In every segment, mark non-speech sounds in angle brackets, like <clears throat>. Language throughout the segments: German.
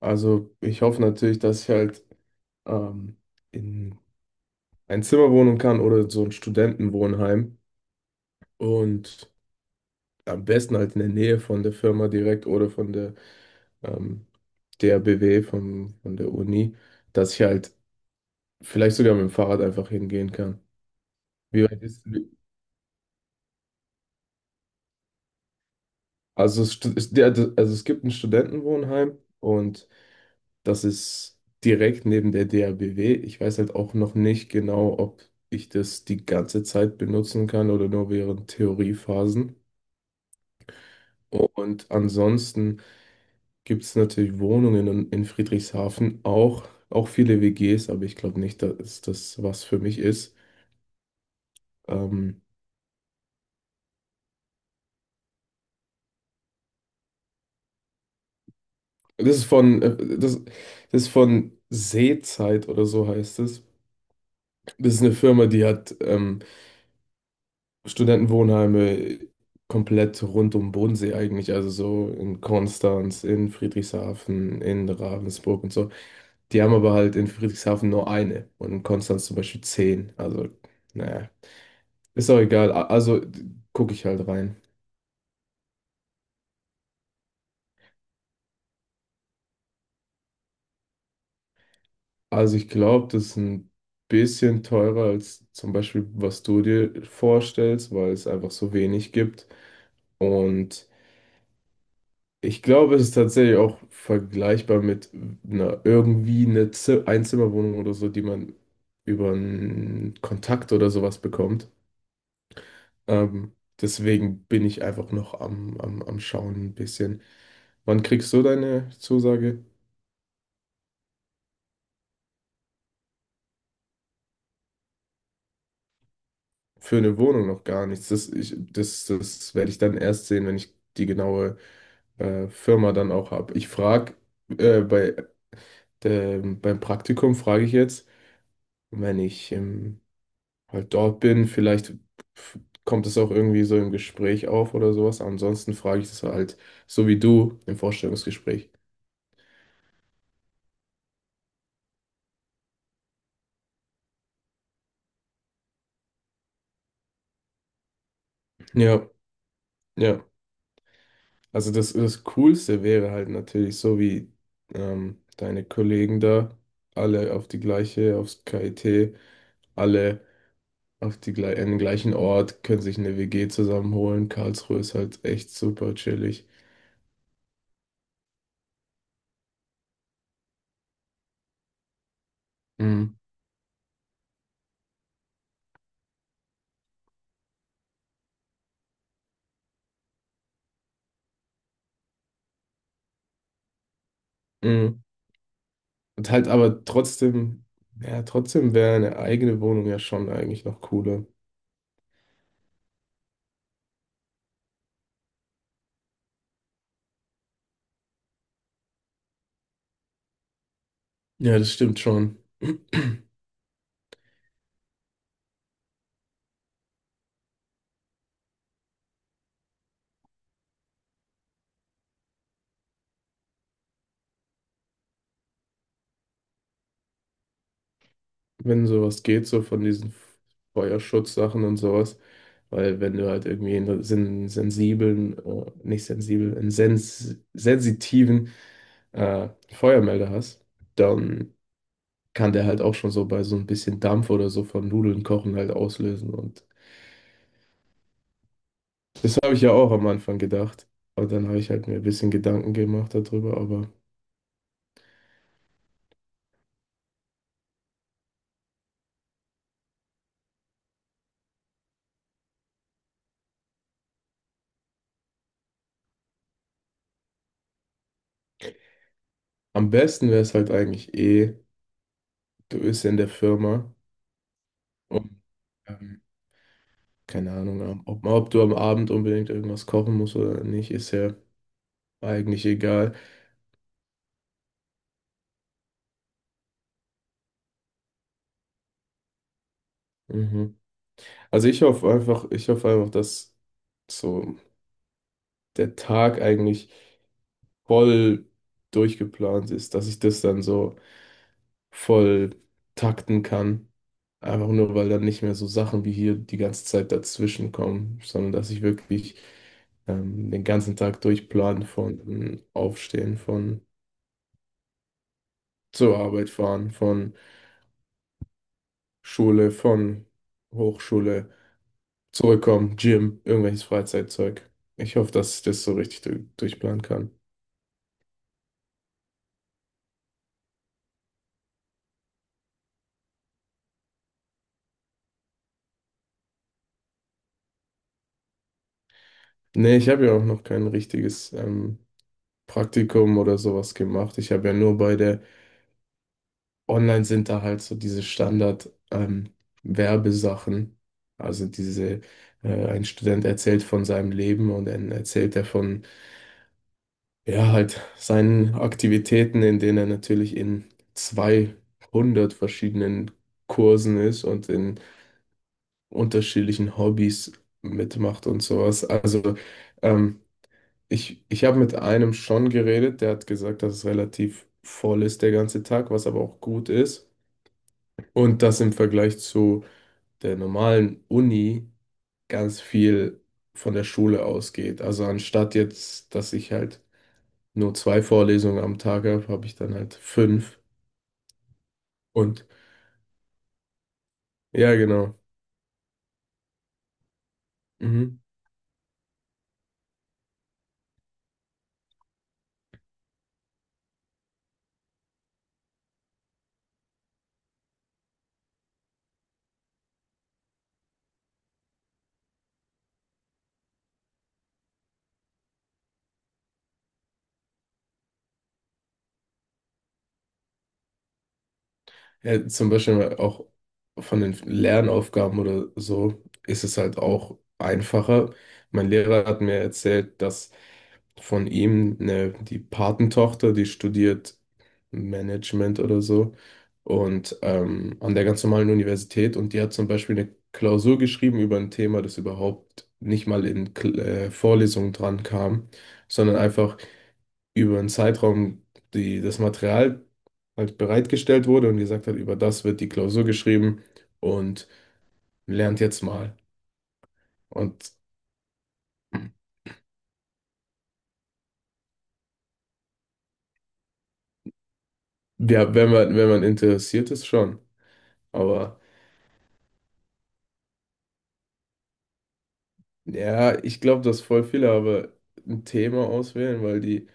Also ich hoffe natürlich, dass ich halt ähm, in ein Zimmer wohnen kann oder so ein Studentenwohnheim und am besten halt in der Nähe von der Firma direkt oder von der ähm, DRBW, von der Uni, dass ich halt vielleicht sogar mit dem Fahrrad einfach hingehen kann. Wie weit ist, ist der, also es gibt ein Studentenwohnheim und das ist direkt neben der DABW. Ich weiß halt auch noch nicht genau, ob ich das die ganze Zeit benutzen kann oder nur während Theoriephasen. Und ansonsten gibt es natürlich Wohnungen in Friedrichshafen, auch, auch viele WGs, aber ich glaube nicht, dass das was für mich ist. Ähm, das ist von, das ist von Seezeit oder so heißt es. Das ist eine Firma, die hat Studentenwohnheime komplett rund um Bodensee eigentlich, also so in Konstanz, in Friedrichshafen, in Ravensburg und so. Die haben aber halt in Friedrichshafen nur eine und in Konstanz zum Beispiel zehn. Also, naja, ist auch egal. Also gucke ich halt rein. Also ich glaube, das ist ein bisschen teurer als zum Beispiel, was du dir vorstellst, weil es einfach so wenig gibt. Und ich glaube, es ist tatsächlich auch vergleichbar mit einer irgendwie Einzimmerwohnung oder so, die man über einen Kontakt oder sowas bekommt. Ähm, deswegen bin ich einfach noch am Schauen ein bisschen. Wann kriegst du deine Zusage? Für eine Wohnung noch gar nichts. Das werde ich dann erst sehen, wenn ich die genaue Firma dann auch habe. Äh, bei, beim Praktikum frage ich jetzt, wenn ich im halt dort bin. Vielleicht f- kommt es auch irgendwie so im Gespräch auf oder sowas. Ansonsten frage ich das halt so wie du im Vorstellungsgespräch. Ja, ja. Also das Coolste wäre halt natürlich so wie deine Kollegen da, alle auf die gleiche, aufs KIT, alle auf die, gle an den gleichen Ort, können sich eine WG zusammenholen. Karlsruhe ist halt echt super chillig. Mhm. Und halt aber trotzdem, ja, trotzdem wäre eine eigene Wohnung ja schon eigentlich noch cooler. Ja, das stimmt schon. <clears throat> Wenn sowas geht, so von diesen Feuerschutzsachen und sowas. Weil wenn du halt irgendwie einen sen sensiblen, nicht sensibel, einen sens sensitiven Feuermelder hast, dann kann der halt auch schon so bei so ein bisschen Dampf oder so von Nudeln kochen halt auslösen. Und das habe ich ja auch am Anfang gedacht. Aber dann habe ich halt mir ein bisschen Gedanken gemacht darüber, aber. Am besten wäre es halt eigentlich eh, du bist in der Firma und ähm, keine Ahnung, ob, ob du am Abend unbedingt irgendwas kochen musst oder nicht, ist ja eigentlich egal. Mhm. Also ich hoffe einfach, dass so der Tag eigentlich voll durchgeplant ist, dass ich das dann so voll takten kann. Einfach nur, weil dann nicht mehr so Sachen wie hier die ganze Zeit dazwischen kommen, sondern dass ich wirklich den ganzen Tag durchplan von Aufstehen, von zur Arbeit fahren, von Schule, von Hochschule, zurückkommen, Gym, irgendwelches Freizeitzeug. Ich hoffe, dass ich das so richtig du durchplanen kann. Nee, ich habe ja auch noch kein richtiges Praktikum oder sowas gemacht. Ich habe ja nur bei der online sind da halt so diese Standard Werbesachen. Also diese, ein Student erzählt von seinem Leben und dann erzählt er von, ja, halt seinen Aktivitäten, in denen er natürlich in 200 verschiedenen Kursen ist und in unterschiedlichen Hobbys mitmacht und sowas. Also ähm, ich habe mit einem schon geredet, der hat gesagt, dass es relativ voll ist der ganze Tag, was aber auch gut ist. Und das im Vergleich zu der normalen Uni ganz viel von der Schule ausgeht. Also anstatt jetzt, dass ich halt nur zwei Vorlesungen am Tag habe, habe ich dann halt fünf. Und ja, genau. Mhm. Ja, zum Beispiel auch von den Lernaufgaben oder so ist es halt auch einfacher. Mein Lehrer hat mir erzählt, dass von ihm, ne, die Patentochter, die studiert Management oder so und an der ganz normalen Universität und die hat zum Beispiel eine Klausur geschrieben über ein Thema, das überhaupt nicht mal in Vorlesungen dran kam, sondern einfach über einen Zeitraum, die das Material halt bereitgestellt wurde und gesagt hat, über das wird die Klausur geschrieben und lernt jetzt mal. Und ja, wenn man, wenn man interessiert ist, schon, aber. Ja, ich glaube, dass voll viele aber ein Thema auswählen, weil die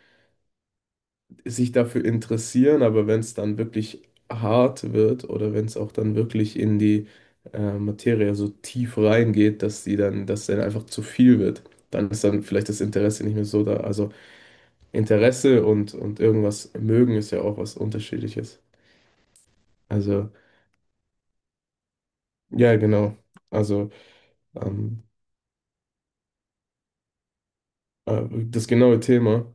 sich dafür interessieren, aber wenn es dann wirklich hart wird oder wenn es auch dann wirklich in die Materie so tief reingeht, dass die dann, dass dann einfach zu viel wird, dann ist dann vielleicht das Interesse nicht mehr so da. Also Interesse und irgendwas mögen ist ja auch was Unterschiedliches. Also, ja, genau. Also ähm, das genaue Thema.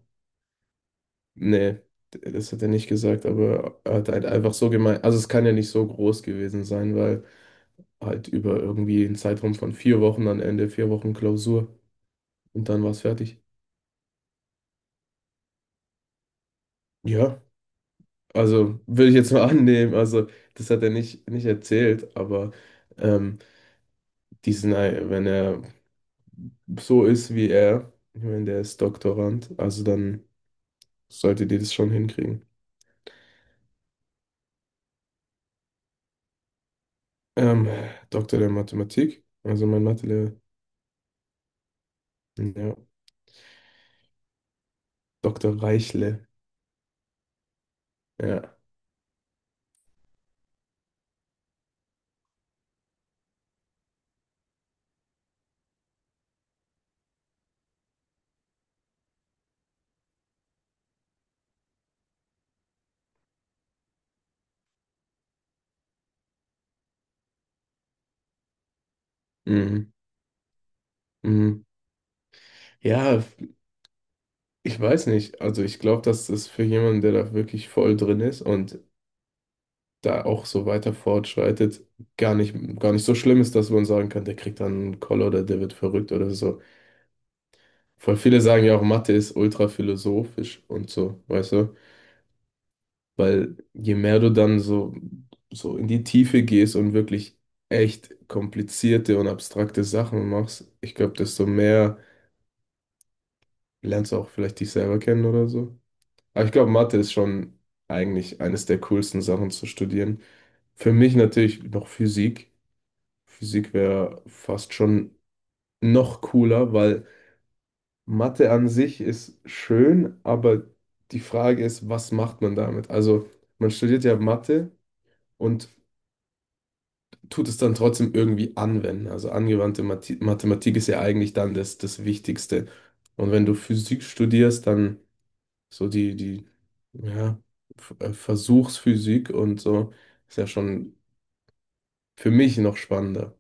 Nee, das hat er nicht gesagt, aber er hat halt einfach so gemeint. Also es kann ja nicht so groß gewesen sein, weil halt über irgendwie einen Zeitraum von vier Wochen am Ende, vier Wochen Klausur und dann war es fertig. Ja, also würde ich jetzt mal <laughs> annehmen. Also das hat er nicht, nicht erzählt, aber ähm, wenn er so ist wie er, ich meine, der ist Doktorand, also dann solltet ihr das schon hinkriegen. Ähm, Doktor der Mathematik, also mein Mathelehrer, ja, Doktor Reichle. Ja. Mhm. Mhm. Ja, ich weiß nicht. Also ich glaube, dass das für jemanden, der da wirklich voll drin ist und da auch so weiter fortschreitet, gar nicht, gar nicht so schlimm ist, dass man sagen kann, der kriegt dann einen Koller oder der wird verrückt oder so. Voll viele sagen ja auch, Mathe ist ultra philosophisch und so, weißt du? Weil je mehr du dann so, so in die Tiefe gehst und wirklich echt komplizierte und abstrakte Sachen machst, ich glaube, desto mehr lernst du auch vielleicht dich selber kennen oder so. Aber ich glaube, Mathe ist schon eigentlich eines der coolsten Sachen zu studieren. Für mich natürlich noch Physik. Physik wäre fast schon noch cooler, weil Mathe an sich ist schön, aber die Frage ist, was macht man damit? Also man studiert ja Mathe und tut es dann trotzdem irgendwie anwenden. Also angewandte Mathematik ist ja eigentlich dann das Wichtigste. Und wenn du Physik studierst, dann so die, ja, Versuchsphysik und so ist ja schon für mich noch spannender.